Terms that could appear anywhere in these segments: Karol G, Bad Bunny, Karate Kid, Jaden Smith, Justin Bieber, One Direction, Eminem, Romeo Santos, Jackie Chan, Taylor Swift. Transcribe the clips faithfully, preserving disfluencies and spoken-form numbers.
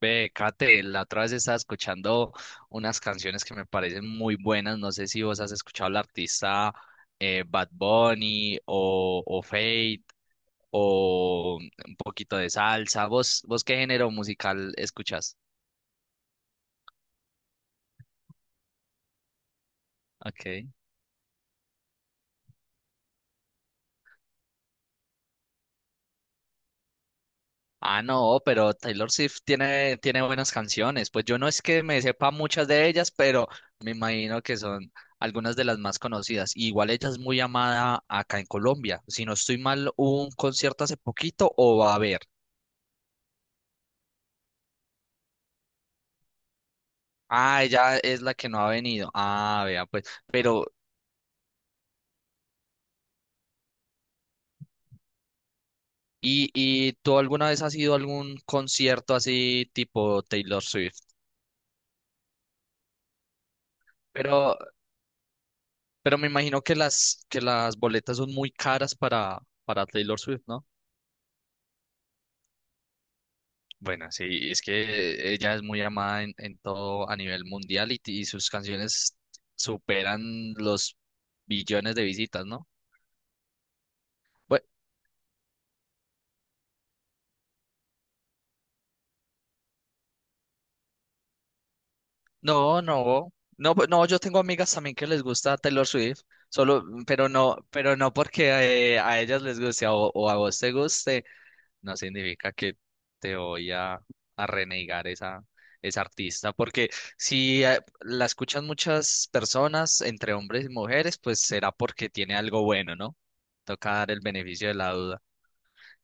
Ve, Kate, la otra vez estaba escuchando unas canciones que me parecen muy buenas. No sé si vos has escuchado al artista eh, Bad Bunny o, o Fate o un poquito de salsa. ¿Vos, vos qué género musical escuchas? Ok. Ah, no, pero Taylor Swift tiene, tiene buenas canciones. Pues yo no es que me sepa muchas de ellas, pero me imagino que son algunas de las más conocidas. Y igual ella es muy amada acá en Colombia. Si no estoy mal, hubo un concierto hace poquito o va a haber. Ah, ella es la que no ha venido. Ah, vea, pues. Pero, ¿y, y tú alguna vez has ido a algún concierto así tipo Taylor Swift? Pero, pero me imagino que las, que las boletas son muy caras para, para Taylor Swift, ¿no? Bueno, sí, es que ella es muy amada en, en todo a nivel mundial y, y sus canciones superan los billones de visitas, ¿no? Bueno, no, no, no, pues, no, yo tengo amigas también que les gusta Taylor Swift, solo, pero no, pero no porque eh, a ellas les guste o, o a vos te guste, no significa que te voy a, a renegar esa, esa artista, porque si eh, la escuchan muchas personas, entre hombres y mujeres, pues será porque tiene algo bueno, ¿no? Toca dar el beneficio de la duda.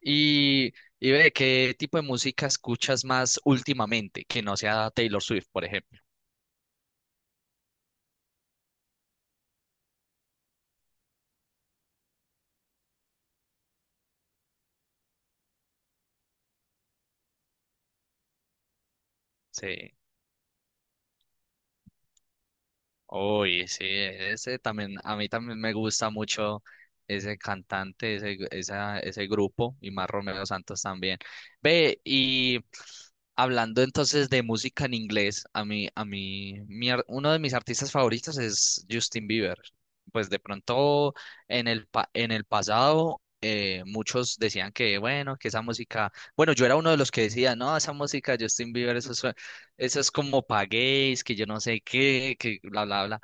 Y, y ve, ¿qué tipo de música escuchas más últimamente que no sea Taylor Swift, por ejemplo? Sí. Uy, sí, ese también, a mí también me gusta mucho ese cantante, ese, gru- esa, ese grupo y más Romeo Santos también. Ve, y hablando entonces de música en inglés, a mí, a mí, mi ar- uno de mis artistas favoritos es Justin Bieber. Pues de pronto en el, pa- en el pasado eh, muchos decían que, bueno, que esa música, bueno, yo era uno de los que decía, no, esa música de Justin Bieber, eso esas como paguéis, que yo no sé qué, que bla, bla, bla.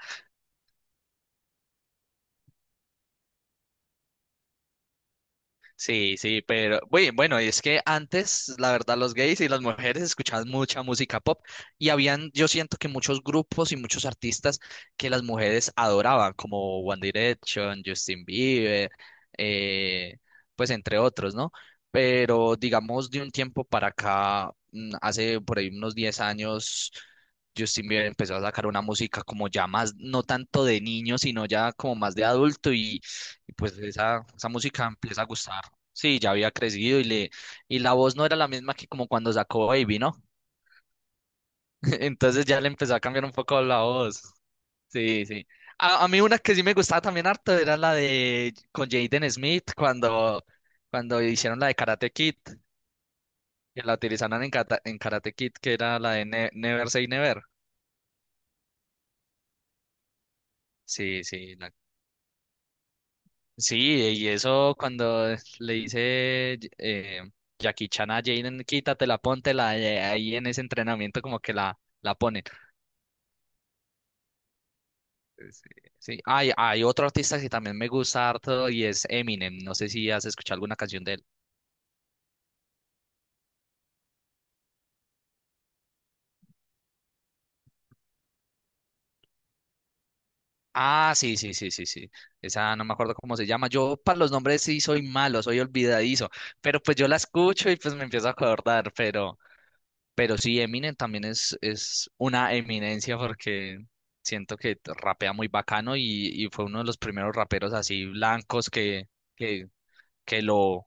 Sí, sí, pero bueno, bueno, y es que antes, la verdad, los gays y las mujeres escuchaban mucha música pop y habían, yo siento que muchos grupos y muchos artistas que las mujeres adoraban, como One Direction, Justin Bieber, eh, pues entre otros, ¿no? Pero digamos, de un tiempo para acá, mm, hace por ahí unos diez años, Justin Bieber empezó a sacar una música como ya más, no tanto de niño, sino ya como más de adulto y... Y pues esa, esa música empieza a gustar. Sí, ya había crecido y le y la voz no era la misma que como cuando sacó Baby, ¿no? Entonces ya le empezó a cambiar un poco la voz. Sí, sí. A, a mí una que sí me gustaba también harto era la de con Jaden Smith cuando cuando hicieron la de Karate Kid, que la utilizaron en, Kata- en Karate Kid, que era la de Ne- Never Say Never. Sí, sí. la- sí, y eso cuando le dice eh, Jackie Chan a Jaden, quítatela, póntela, eh, ahí en ese entrenamiento como que la la pone. Sí, sí. Hay, hay otro artista que también me gusta harto y es Eminem. No sé si has escuchado alguna canción de él. Ah, sí, sí, sí, sí, sí. Esa no me acuerdo cómo se llama. Yo para los nombres sí soy malo, soy olvidadizo, pero pues yo la escucho y pues me empiezo a acordar, pero, pero sí, Eminem también es, es una eminencia porque siento que t- rapea muy bacano y, y fue uno de los primeros raperos así blancos que, que, que lo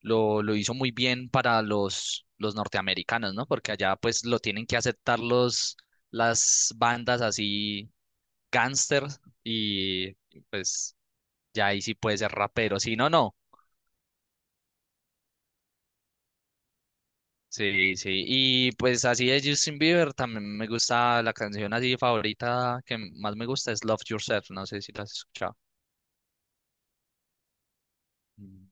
lo, lo hizo muy bien para los, los norteamericanos, ¿no? Porque allá pues lo tienen que aceptar los, las bandas así gangsters y pues ya ahí sí puede ser rapero. Sí, no, no. Sí, sí. Y pues así de Justin Bieber también me gusta la canción así favorita que más me gusta es Love Yourself, no sé si la has escuchado. Mm.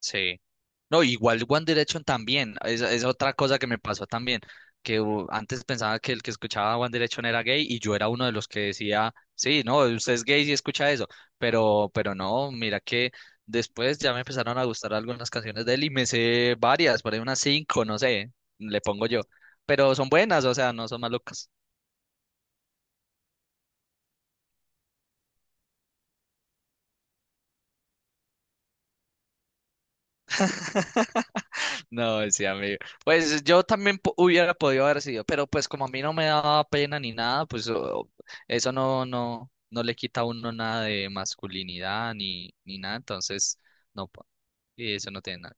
Sí. No, igual One Direction también, es, es otra cosa que me pasó también, que uh, antes pensaba que el que escuchaba One Direction era gay y yo era uno de los que decía, sí, no, usted es gay si escucha eso, pero, pero no, mira que después ya me empezaron a gustar algunas canciones de él y me sé varias, por ahí unas cinco, no sé, le pongo yo, pero son buenas, o sea, no son malucas. No, sí, amigo. Pues yo también po- hubiera podido haber sido, pero pues como a mí no me daba pena ni nada, pues o- eso no, no, no le quita a uno nada de masculinidad ni, ni nada, entonces no, po- y eso no tiene nada.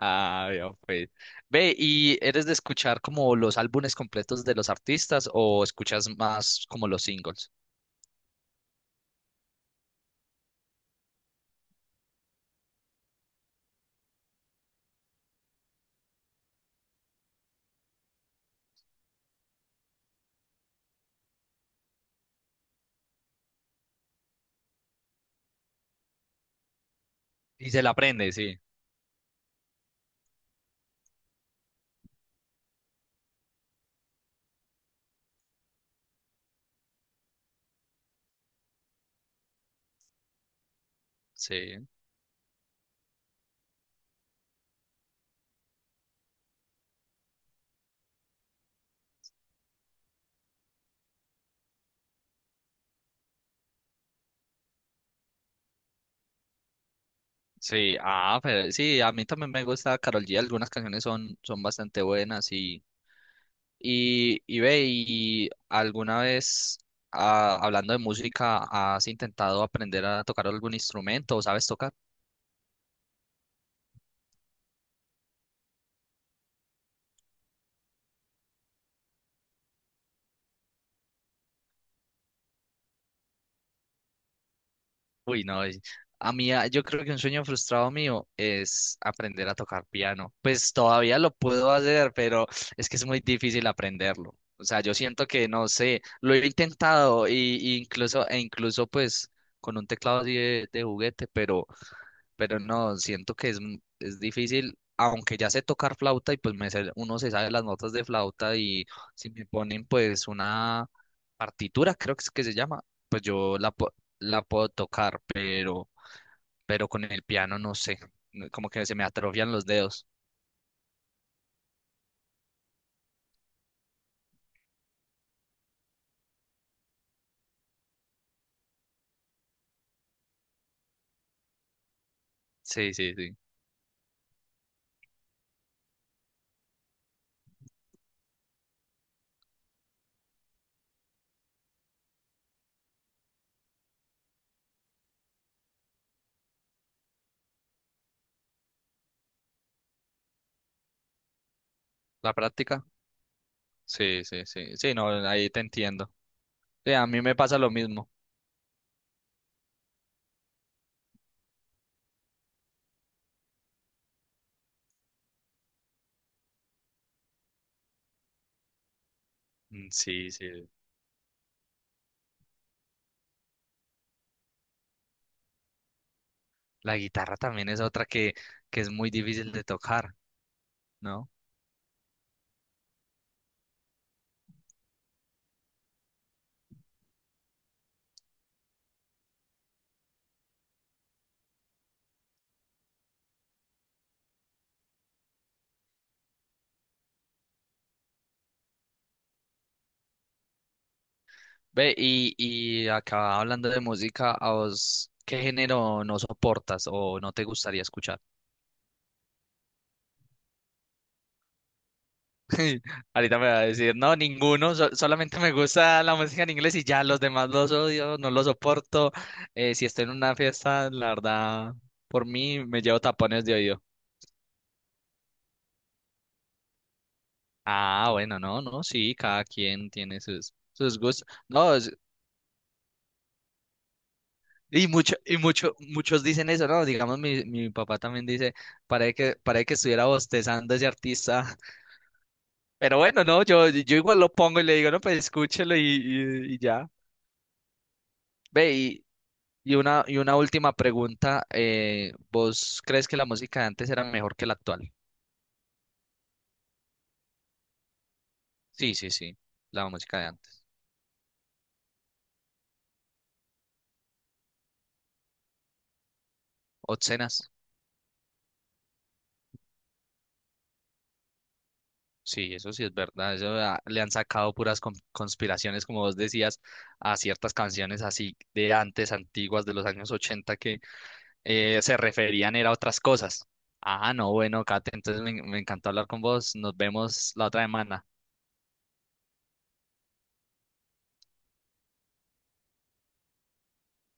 Ah, ya pues. Ve, ¿y eres de escuchar como los álbumes completos de los artistas o escuchas más como los singles? Y se la aprende, sí. Sí, sí, ah, pero sí, a mí también me gusta Karol G, algunas canciones son, son bastante buenas y Y, y ve, ¿y alguna vez, ah, hablando de música, has intentado aprender a tocar algún instrumento o sabes tocar? Uy, no, es- a mí, ah, yo creo que un sueño frustrado mío es aprender a tocar piano. Pues todavía lo puedo hacer, pero es que es muy difícil aprenderlo. O sea, yo siento que, no sé, lo he intentado y, y incluso, e incluso pues con un teclado así de, de juguete, pero no, siento que es, m- es difícil, aunque ya sé tocar flauta y pues me sé- uno se sabe las notas de flauta y si me ponen pues una partitura, creo que es que se llama, pues yo la, pu- la puedo tocar, pero, pero con el piano no sé, no- como que se me atrofian los dedos. Sí, sí, sí. ¿La práctica? Sí, sí, sí. Sí, no, ahí te entiendo. Sí, a mí me pasa lo mismo. Mm, sí, sí. La guitarra también es otra que, que es muy difícil de tocar, ¿no? Ve, y, y acá hablando de música, ¿a vos qué género no soportas o no te gustaría escuchar? Ahorita me va a decir, no, ninguno, so- solamente me gusta la música en inglés y ya los demás los odio, no los soporto. Eh, si estoy en una fiesta, la verdad, por mí me llevo tapones de oído. Ah, bueno, no, no, sí, cada quien tiene sus, sus gustos. No, es- y mucho, y mucho, muchos dicen eso, ¿no? Digamos, mi, mi papá también dice, parece que, parece que estuviera bostezando ese artista. Pero bueno, no, yo, yo igual lo pongo y le digo, no, pues escúchelo y, y- y ya. Ve, y, y una, y una última pregunta. Eh, ¿vos crees que la música de antes era mejor que la actual? Sí, sí, sí, la música de antes. Obscenas, sí, eso sí es verdad. Eso ah, le han sacado puras con- conspiraciones, como vos decías, a ciertas canciones así de antes, antiguas, de los años ochenta, que eh, se referían era a otras cosas. Ah, no, bueno, Kate, entonces me, me encantó hablar con vos. Nos vemos la otra semana.